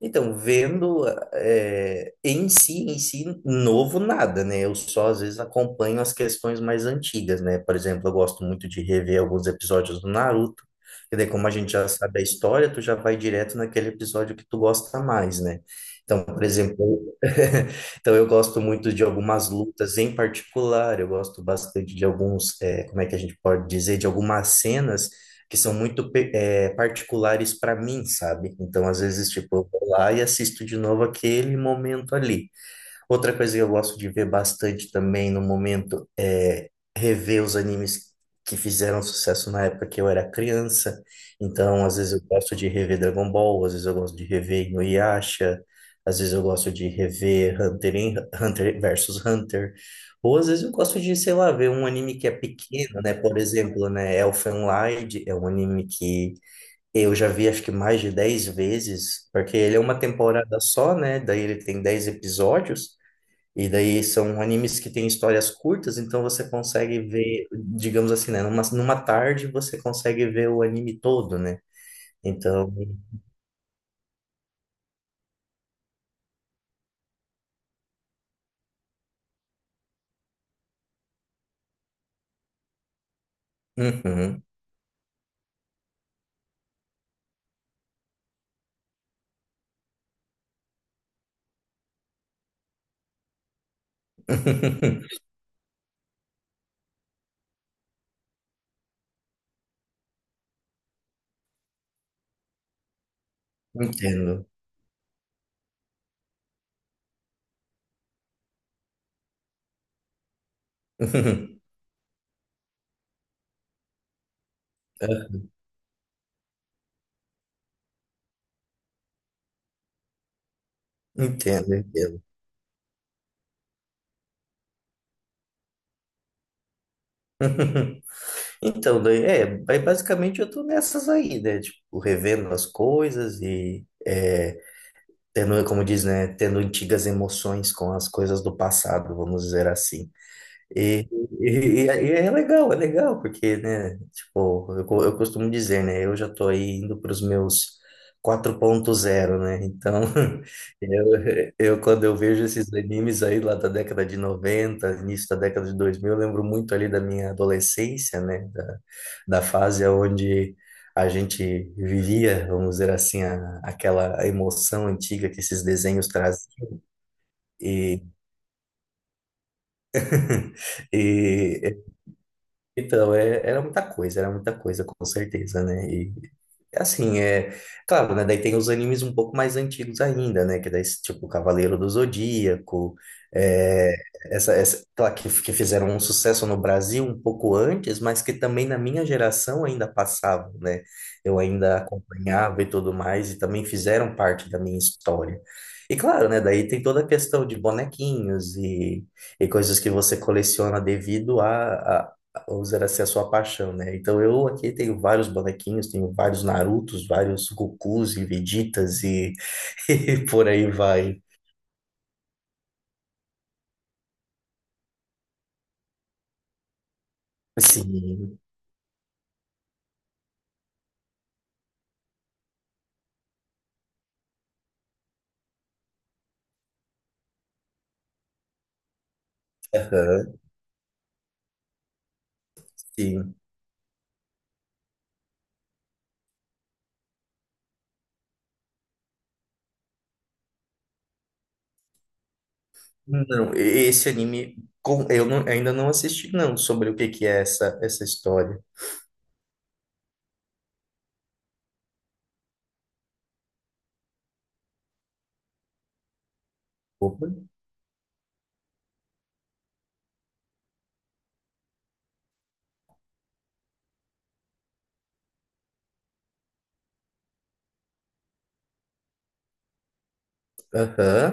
Então, vendo em si, novo nada, né? Eu só às vezes acompanho as questões mais antigas, né? Por exemplo, eu gosto muito de rever alguns episódios do Naruto, e daí, como a gente já sabe a história, tu já vai direto naquele episódio que tu gosta mais, né? Então, por exemplo, então eu gosto muito de algumas lutas em particular, eu gosto bastante de alguns, como é que a gente pode dizer, de algumas cenas que são muito particulares para mim, sabe? Então, às vezes, tipo, eu vou lá e assisto de novo aquele momento ali. Outra coisa que eu gosto de ver bastante também no momento é rever os animes que fizeram sucesso na época que eu era criança. Então, às vezes eu gosto de rever Dragon Ball, às vezes eu gosto de rever Inuyasha, às vezes eu gosto de rever Hunter versus Hunter. Ou às vezes eu gosto de, sei lá, ver um anime que é pequeno, né? Por exemplo, né, Elfen Lied é um anime que eu já vi acho que mais de 10 vezes, porque ele é uma temporada só, né? Daí ele tem 10 episódios. E daí são animes que têm histórias curtas, então você consegue ver, digamos assim, né? Numa tarde você consegue ver o anime todo, né? Então, uhum. Entendo. Entendo, entendo. Então, daí, basicamente eu tô nessas aí, né? Tipo, revendo as coisas e tendo, como diz, né? Tendo antigas emoções com as coisas do passado, vamos dizer assim. E, e é legal, é legal, porque, né, tipo, eu costumo dizer, né, eu já tô aí indo para os meus 4.0, né, então, eu, quando eu vejo esses animes aí lá da década de 90, início da década de 2000, eu lembro muito ali da minha adolescência, né, da fase onde a gente vivia, vamos dizer assim, aquela emoção antiga que esses desenhos trazem, e Então, era muita coisa, com certeza, né? E é assim, é claro, né? Daí tem os animes um pouco mais antigos ainda, né? Que daí, tipo, Cavaleiro do Zodíaco, é, essa, claro, que fizeram um sucesso no Brasil um pouco antes, mas que também na minha geração ainda passavam, né? Eu ainda acompanhava e tudo mais, e também fizeram parte da minha história. E claro, né? Daí tem toda a questão de bonequinhos e coisas que você coleciona devido a usar essa é a sua paixão, né? Então eu aqui tenho vários bonequinhos, tenho vários Narutos, vários Gokus e Vegetas e, e por aí vai. Sim, aham, sim. Não, esse anime com- eu não- ainda não assisti, não, sobre o que que é essa história. Opa, aham,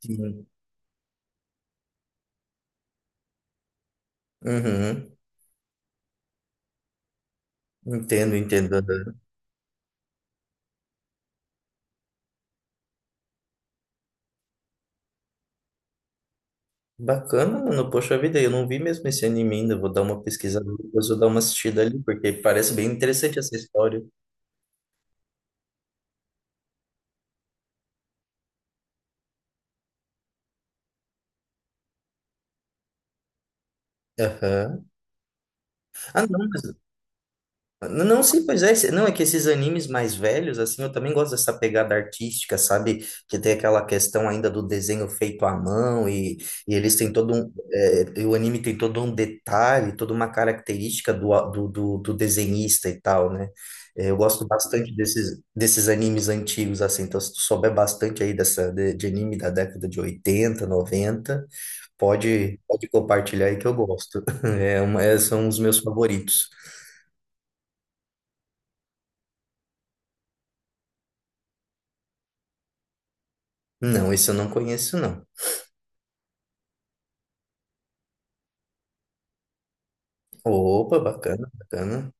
sim, uhum. Entendo, entendo. Aham. Bacana, mano. Poxa vida, eu não vi mesmo esse anime ainda. Vou dar uma pesquisada depois, vou dar uma assistida ali, porque parece bem interessante essa história. Aham. Ah, não, não, sim, pois é. Não, é que esses animes mais velhos, assim, eu também gosto dessa pegada artística, sabe? Que tem aquela questão ainda do desenho feito à mão e eles têm todo um. E o anime tem todo um detalhe, toda uma característica do, a- do, do, do desenhista e tal, né? É, eu gosto bastante desses animes antigos, assim. Então, se tu souber bastante aí de anime da década de 80, 90, pode compartilhar aí que eu gosto. É são os meus favoritos. Não, isso eu não conheço, não. Opa, bacana, bacana.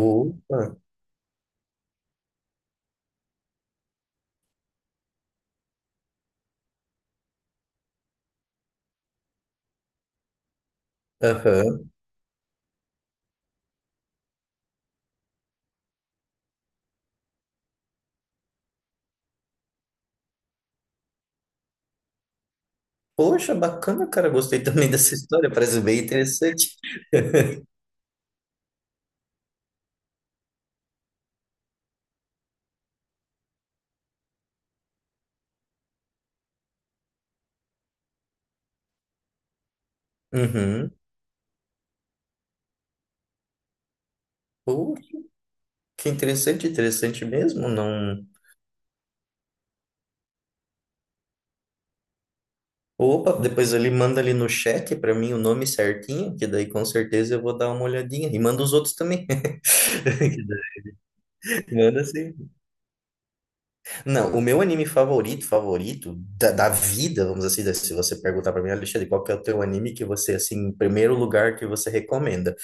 Opa, aham. Poxa, bacana, cara. Gostei também dessa história. Parece bem interessante. Uhum. Pô, que interessante, interessante mesmo. Não. Opa, depois ele manda ali no chat pra mim o nome certinho, que daí com certeza eu vou dar uma olhadinha. E manda os outros também. Manda, sim. Não, o meu anime favorito, favorito da vida, vamos assim, dizer, assim, se você perguntar pra mim, Alexandre, qual que é o teu anime que você, assim, em primeiro lugar que você recomenda?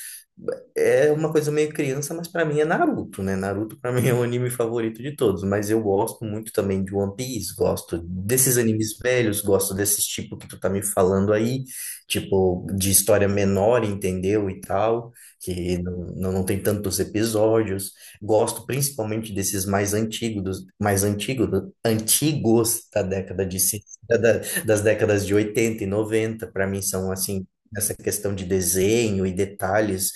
É uma coisa meio criança, mas pra mim é Naruto, né? Naruto pra mim é o anime favorito de todos, mas eu gosto muito também de One Piece, gosto desses animes velhos, gosto desses tipo que tu tá me falando aí, tipo de história menor, entendeu? E tal, que não tem tantos episódios. Gosto principalmente desses mais antigos, antigos da década de 60, das décadas de 80 e 90. Para mim são assim, essa questão de desenho e detalhes,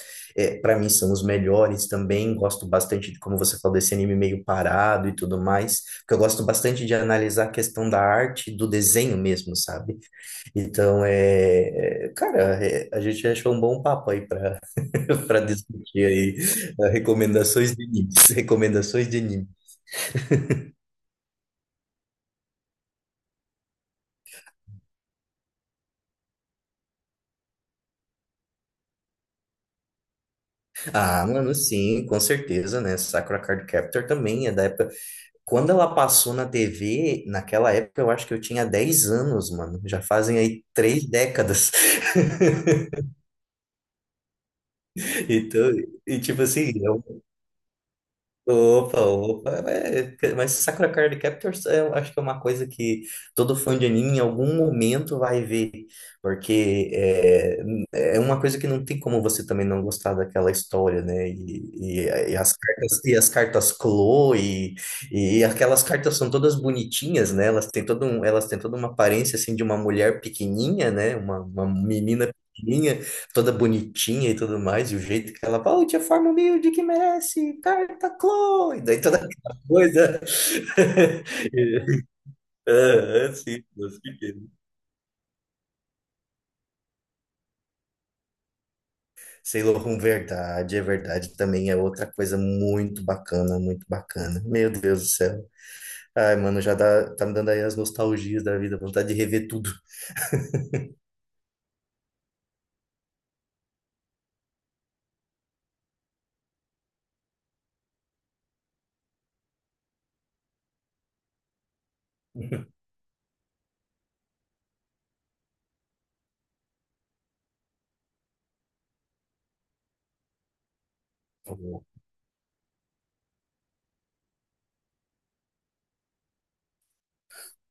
para mim são os melhores também. Gosto bastante de como você falou desse anime meio parado e tudo mais, porque eu gosto bastante de analisar a questão da arte, do desenho mesmo, sabe? Então, cara, a gente achou um bom papo aí para para discutir aí, recomendações de animes, recomendações de anime. Ah, mano, sim, com certeza, né? Sakura Card Captor também é da época. Quando ela passou na TV, naquela época eu acho que eu tinha 10 anos, mano. Já fazem aí 3 décadas. Então, e tipo assim, Opa, opa, mas Sakura Card Captors é, eu acho que é uma coisa que todo fã de anime em algum momento vai ver, porque é uma coisa que não tem como você também não gostar daquela história, né? E as cartas, e as cartas Clo e aquelas cartas são todas bonitinhas, né? Elas têm toda uma aparência assim de uma mulher pequenininha, né? Uma menina pequenininha toda bonitinha e tudo mais, e o jeito que ela fala, oh, tia forma humilde que merece, carta Chloe, daí toda aquela coisa. Ah, sim, eu fiquei. Sailor Moon, verdade, é verdade, também é outra coisa muito bacana, muito bacana. Meu Deus do céu. Ai, mano, já dá, tá me dando aí as nostalgias da vida, vontade de rever tudo.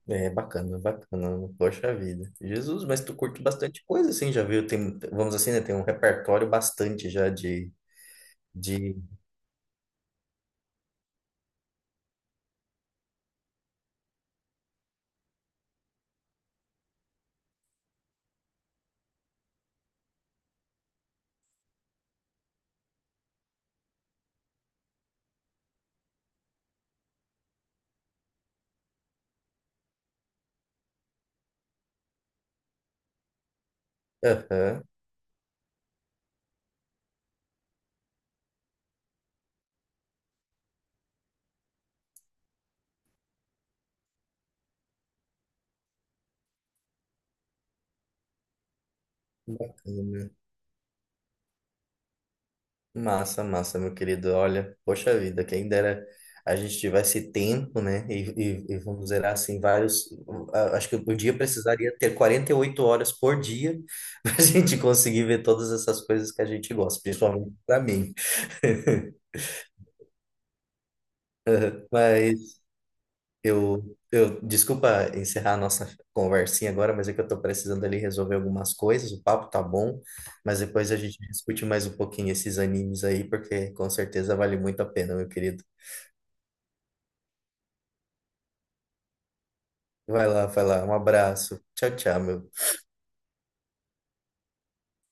É bacana, bacana, poxa vida. Jesus, mas tu curte bastante coisa, assim, já viu? Tem, vamos assim, né? Tem um repertório bastante já de. Aham, bacana. Massa, massa, meu querido. Olha, poxa vida, quem dera a gente tivesse tempo, né? E vamos dizer assim, vários. Acho que o dia precisaria ter 48 horas por dia para a gente conseguir ver todas essas coisas que a gente gosta, principalmente para mim. Mas eu, desculpa encerrar a nossa conversinha agora, mas é que eu tô precisando ali resolver algumas coisas. O papo tá bom, mas depois a gente discute mais um pouquinho esses animes aí, porque com certeza vale muito a pena, meu querido. Vai lá, vai lá. Um abraço. Tchau, tchau, meu.